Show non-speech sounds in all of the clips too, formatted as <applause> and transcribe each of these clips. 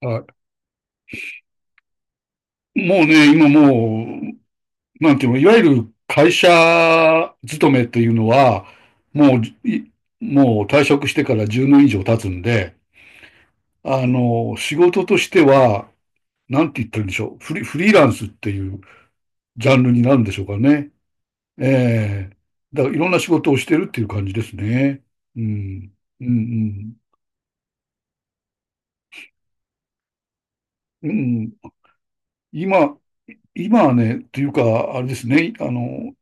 あもうね、今もう、なんていうの、いわゆる会社勤めというのは、もう、いもう退職してから10年以上経つんで、あの、仕事としては、なんて言ってるんでしょう、フリーランスっていうジャンルになるんでしょうかね。ええだからいろんな仕事をしてるっていう感じですね。うん。うん。うんうん。今、今はね、というか、あれですね、あの、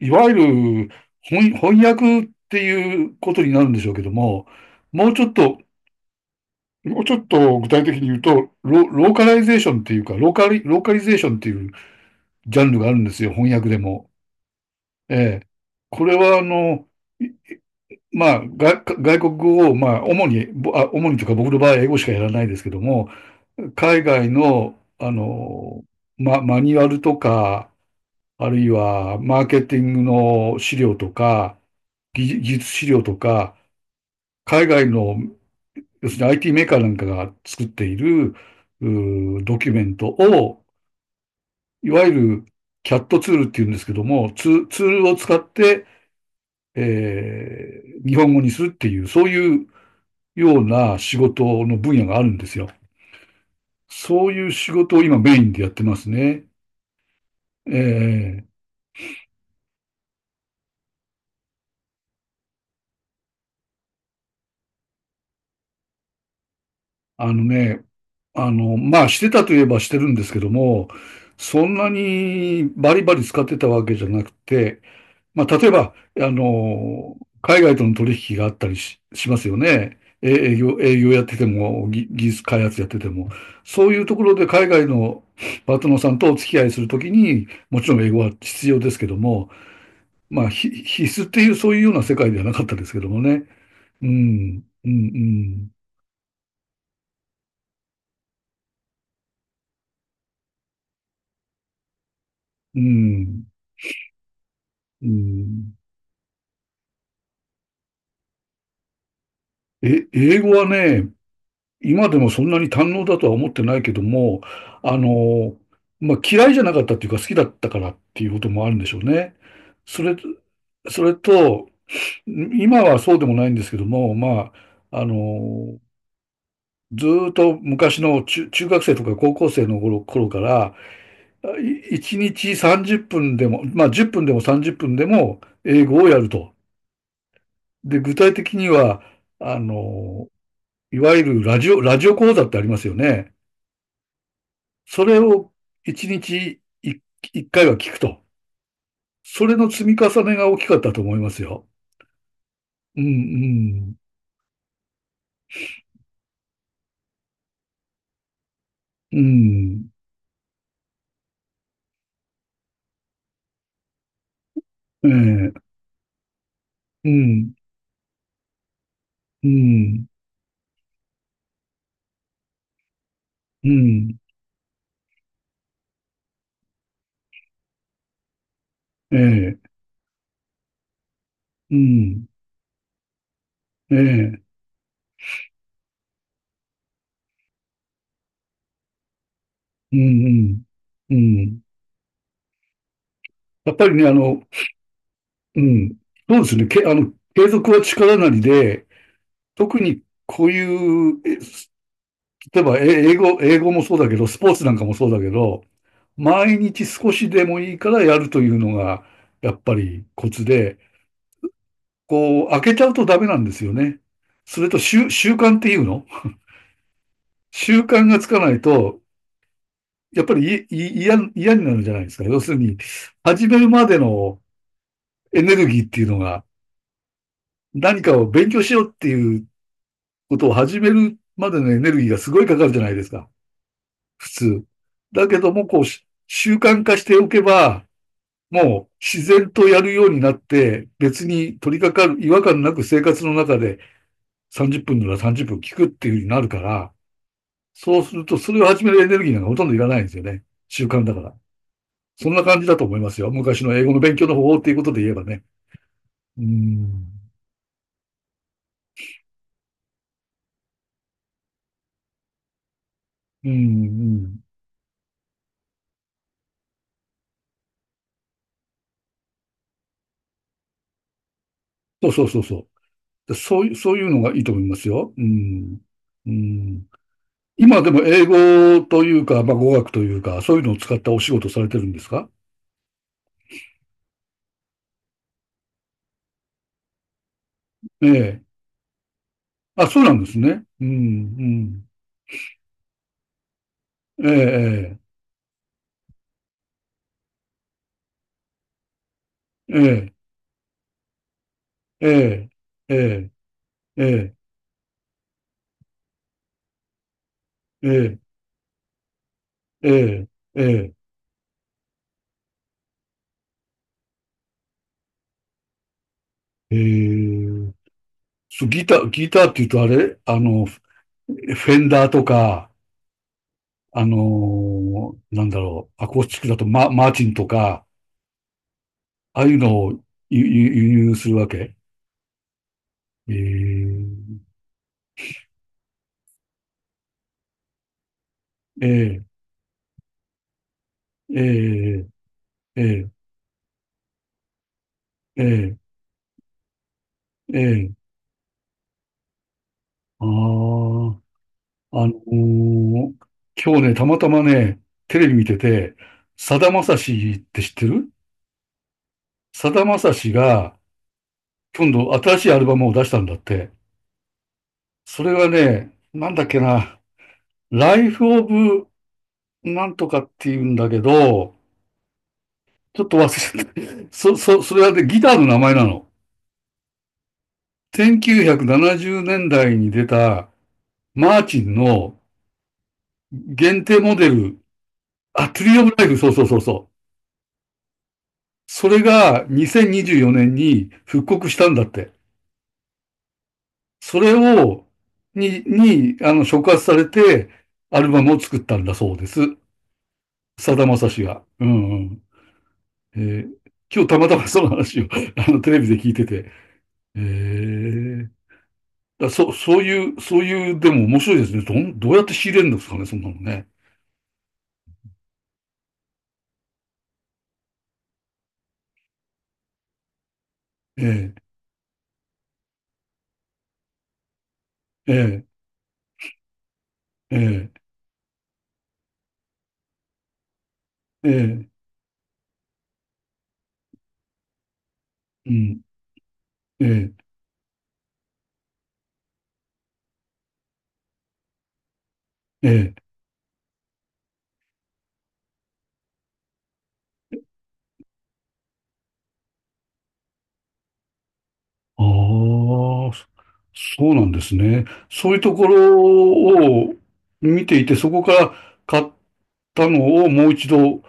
いわゆる翻訳っていうことになるんでしょうけども、もうちょっと、もうちょっと具体的に言うと、ローカライゼーションっていうか、ローカリゼーションっていうジャンルがあるんですよ、翻訳でも。ええ。これは、あの、いまあ、外国語を、まあ、主にというか、僕の場合、英語しかやらないですけども、海外の、あの、マニュアルとか、あるいは、マーケティングの資料とか、技術資料とか、海外の、要するに IT メーカーなんかが作っている、ドキュメントを、いわゆる CAT ツールっていうんですけども、ツールを使って、日本語にするっていう、そういうような仕事の分野があるんですよ。そういう仕事を今メインでやってますね。えーあのね、あの、まあ、してたといえばしてるんですけども、そんなにバリバリ使ってたわけじゃなくて、まあ、例えば、あの、海外との取引があったりしますよね。え営業、営業やってても、技術開発やってても、そういうところで海外のパートナーさんとお付き合いするときに、もちろん英語は必要ですけども、まあ、必須っていうそういうような世界ではなかったですけどもね。うん、うん、うん、うん、うん。英語はね、今でもそんなに堪能だとは思ってないけども、あの、まあ、嫌いじゃなかったっていうか好きだったからっていうこともあるんでしょうね。それ、それと、今はそうでもないんですけども、まあ、あの、ずーっと昔の中学生とか高校生の頃から、1日30分でも、まあ、10分でも30分でも英語をやると。で、具体的には、あの、いわゆるラジオ講座ってありますよね。それを1日1、回は聞くと。それの積み重ねが大きかったと思いますよ。うん、うん、うん、うん、うん、うん、えうん、えーうん、うん、うん。やっぱりね、あの、うん、そうですね、あの、継続は力なりで、特にこういう、例えば、え英語、英語もそうだけど、スポーツなんかもそうだけど、毎日少しでもいいからやるというのが、やっぱりコツで、こう、開けちゃうとダメなんですよね。それと習、習慣っていうの習慣がつかないと、やっぱり嫌になるじゃないですか。要するに、始めるまでのエネルギーっていうのが、何かを勉強しようっていうことを始めるまでのエネルギーがすごいかかるじゃないですか。普通。だけども、こう、習慣化しておけば、もう自然とやるようになって、別に取り掛かる、違和感なく生活の中で30分なら30分聞くっていう風になるから、そうするとそれを始めるエネルギーなんかほとんどいらないんですよね。習慣だから。そんな感じだと思いますよ。昔の英語の勉強の方法っていうことで言えばね。うん。うん、うーん。そうそうそうそう。そういう、そういうのがいいと思いますよ。うーん。うーん。今でも英語というか、まあ語学というか、そういうのを使ったお仕事されてるんですか？ええ。あ、そうなんですね。うん、うん。ええ、ええ、ええ、ええ、ええ、ええ、ええ、ええ、ええ。そう、ギターって言うとあれ、あの、フェンダーとか、あのなんだろう、アコースティックだとマーチンとか、ああいうのを輸入するわけ？ええ、ええ、ええ、ええ、ええ、ええ、ああ。あのー今日ね、たまたまね、テレビ見てて、さだまさしって知ってる？さだまさしが、今度新しいアルバムを出したんだって。それがね、なんだっけな、ライフオブなんとかって言うんだけど、ちょっと忘れちゃった。<laughs> それはね、ギターの名前なの。1970年代に出た、マーチンの限定モデル、あ、トリーオブライフ、そうそうそうそう。それが2024年にじゅうよねんに復刻したんだって。それを、あの、触発されて、アルバムを作ったんだそうです。さだまさしが。うんうん。えー今日たまたまその話を <laughs> あのテレビで聞いてて。えー、そういう、でも面白いですね。どうやって仕入れるんですかね、そんなのね？えええええええーうん、ええええああ、そうなんですね。そういうところを見ていて、そこから買ったのをもう一度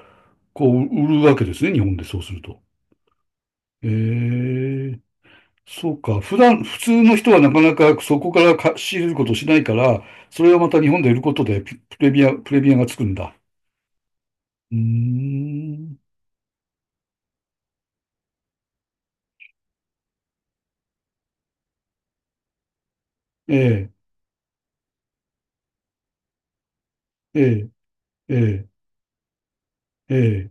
こう売るわけですね、日本でそうすると。ええ、そうか。普段、普通の人はなかなかそこから仕入れることをしないから、それをまた日本で売ることでピプレミア、プレミアがつくんだ。うーん。ええ、ええ、ええ、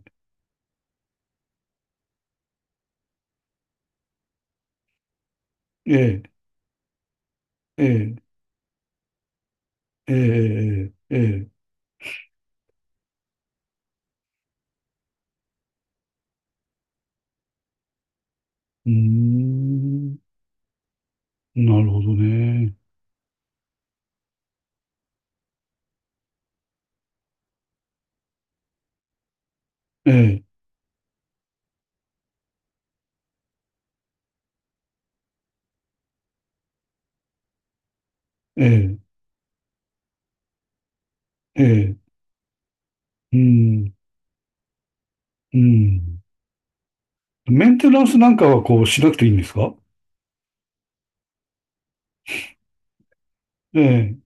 ええ、ええ、ええ、ええ、ええ、ええ、うーん。なるほどね。ええ、ええ、ええ、うん、うん。メンテナンスなんかはこうしなくていいんですか？ええ、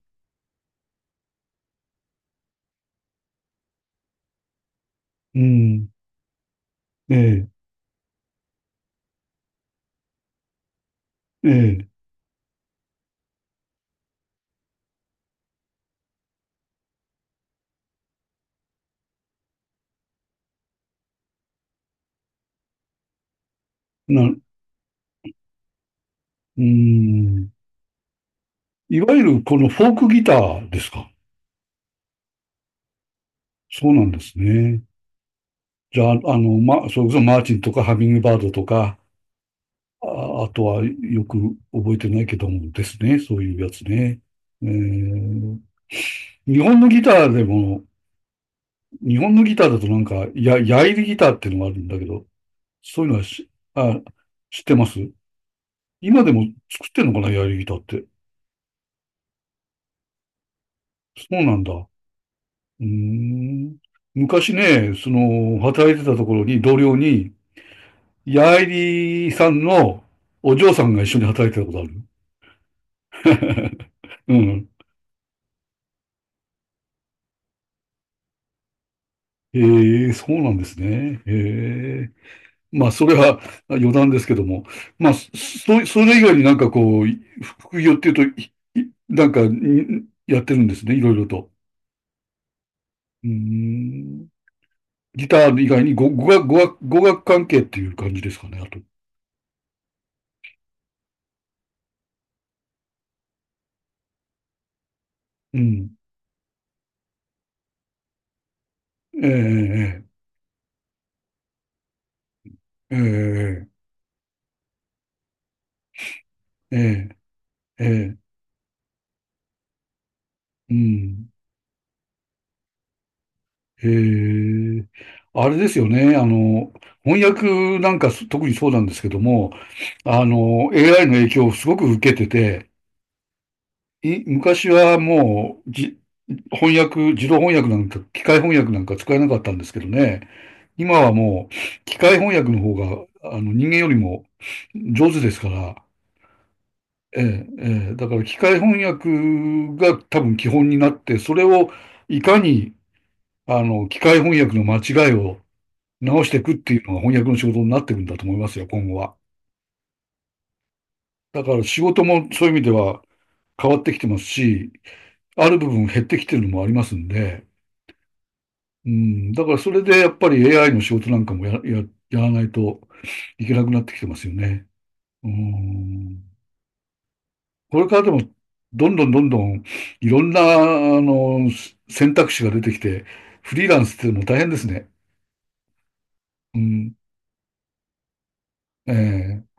うん、ええ、ええ、な、うん。いわゆるこのフォークギターですか？そうなんですね。じゃあ、あの、それこそマーチンとかハミングバードとか、あとはよく覚えてないけどもですね。そういうやつね。えー、日本のギターでも、日本のギターだとなんか、ヤイリギターっていうのがあるんだけど、そういうのはし、あ、知ってます？今でも作ってんのかな、エアリギターって。そうなんだ。うーん。昔ね、その、働いてたところに、同僚に、ヤエリさんのお嬢さんが一緒に働いてたことある。<laughs> うん。へえ、そうなんですね。ええ。まあ、それは余談ですけども。まあ、それ以外になんかこう、副業っていうと、なんか、やってるんですね、いろいろと。うーん。ギター以外に語学関係っていう感じですかね、あと？うん。ええ、ええ、ええ、ええ、ええ、うん。ええ。あれですよね、あの、翻訳なんか特にそうなんですけども、あの、AI の影響をすごく受けてて、昔はもう、翻訳、自動翻訳なんか、機械翻訳なんか使えなかったんですけどね、今はもう、機械翻訳の方が、あの、人間よりも上手ですから、ええ、ええ、だから機械翻訳が多分基本になって、それをいかにあの機械翻訳の間違いを直していくっていうのが翻訳の仕事になっていくんだと思いますよ、今後は。だから仕事もそういう意味では変わってきてますし、ある部分減ってきてるのもありますんで、うん、だからそれでやっぱり AI の仕事なんかもやらないといけなくなってきてますよね。うん。これからでも、どんどんどんどん、いろんな、あの、選択肢が出てきて、フリーランスっていうのも大変ですね。うん。ええ、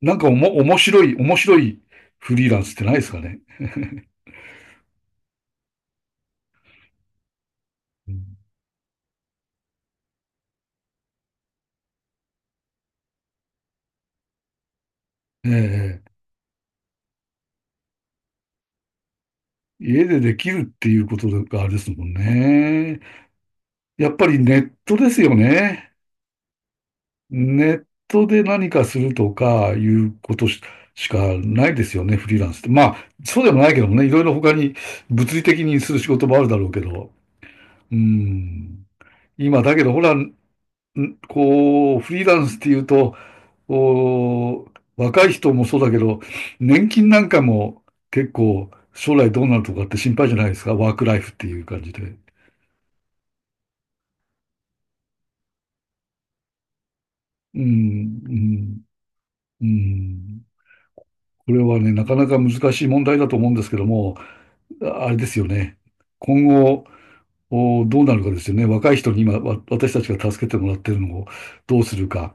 なんかおも、面白い、面白いフリーランスってないですかね？うん。ええ。家でできるっていうことがあれですもんね。やっぱりネットですよね。ネットで何かするとかいうことし、しかないですよね、フリーランスって。まあ、そうでもないけどもね、いろいろ他に物理的にする仕事もあるだろうけど。うん。今、だけど、ほら、こう、フリーランスっていうと、こう若い人もそうだけど、年金なんかも結構将来どうなるとかって心配じゃないですか、ワークライフっていう感じで。うん、うん、うん。これはね、なかなか難しい問題だと思うんですけども、あれですよね。今後、どうなるかですよね。若い人に今、私たちが助けてもらってるのをどうするか。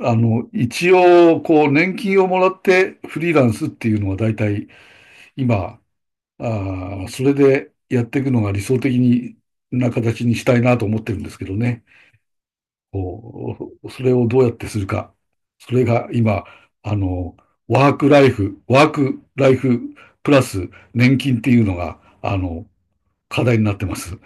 あの、一応、こう、年金をもらってフリーランスっていうのは大体今、それでやっていくのが理想的にな形にしたいなと思ってるんですけどね。こうそれをどうやってするか。それが今、あの、ワークライフプラス年金っていうのが、あの、課題になってます。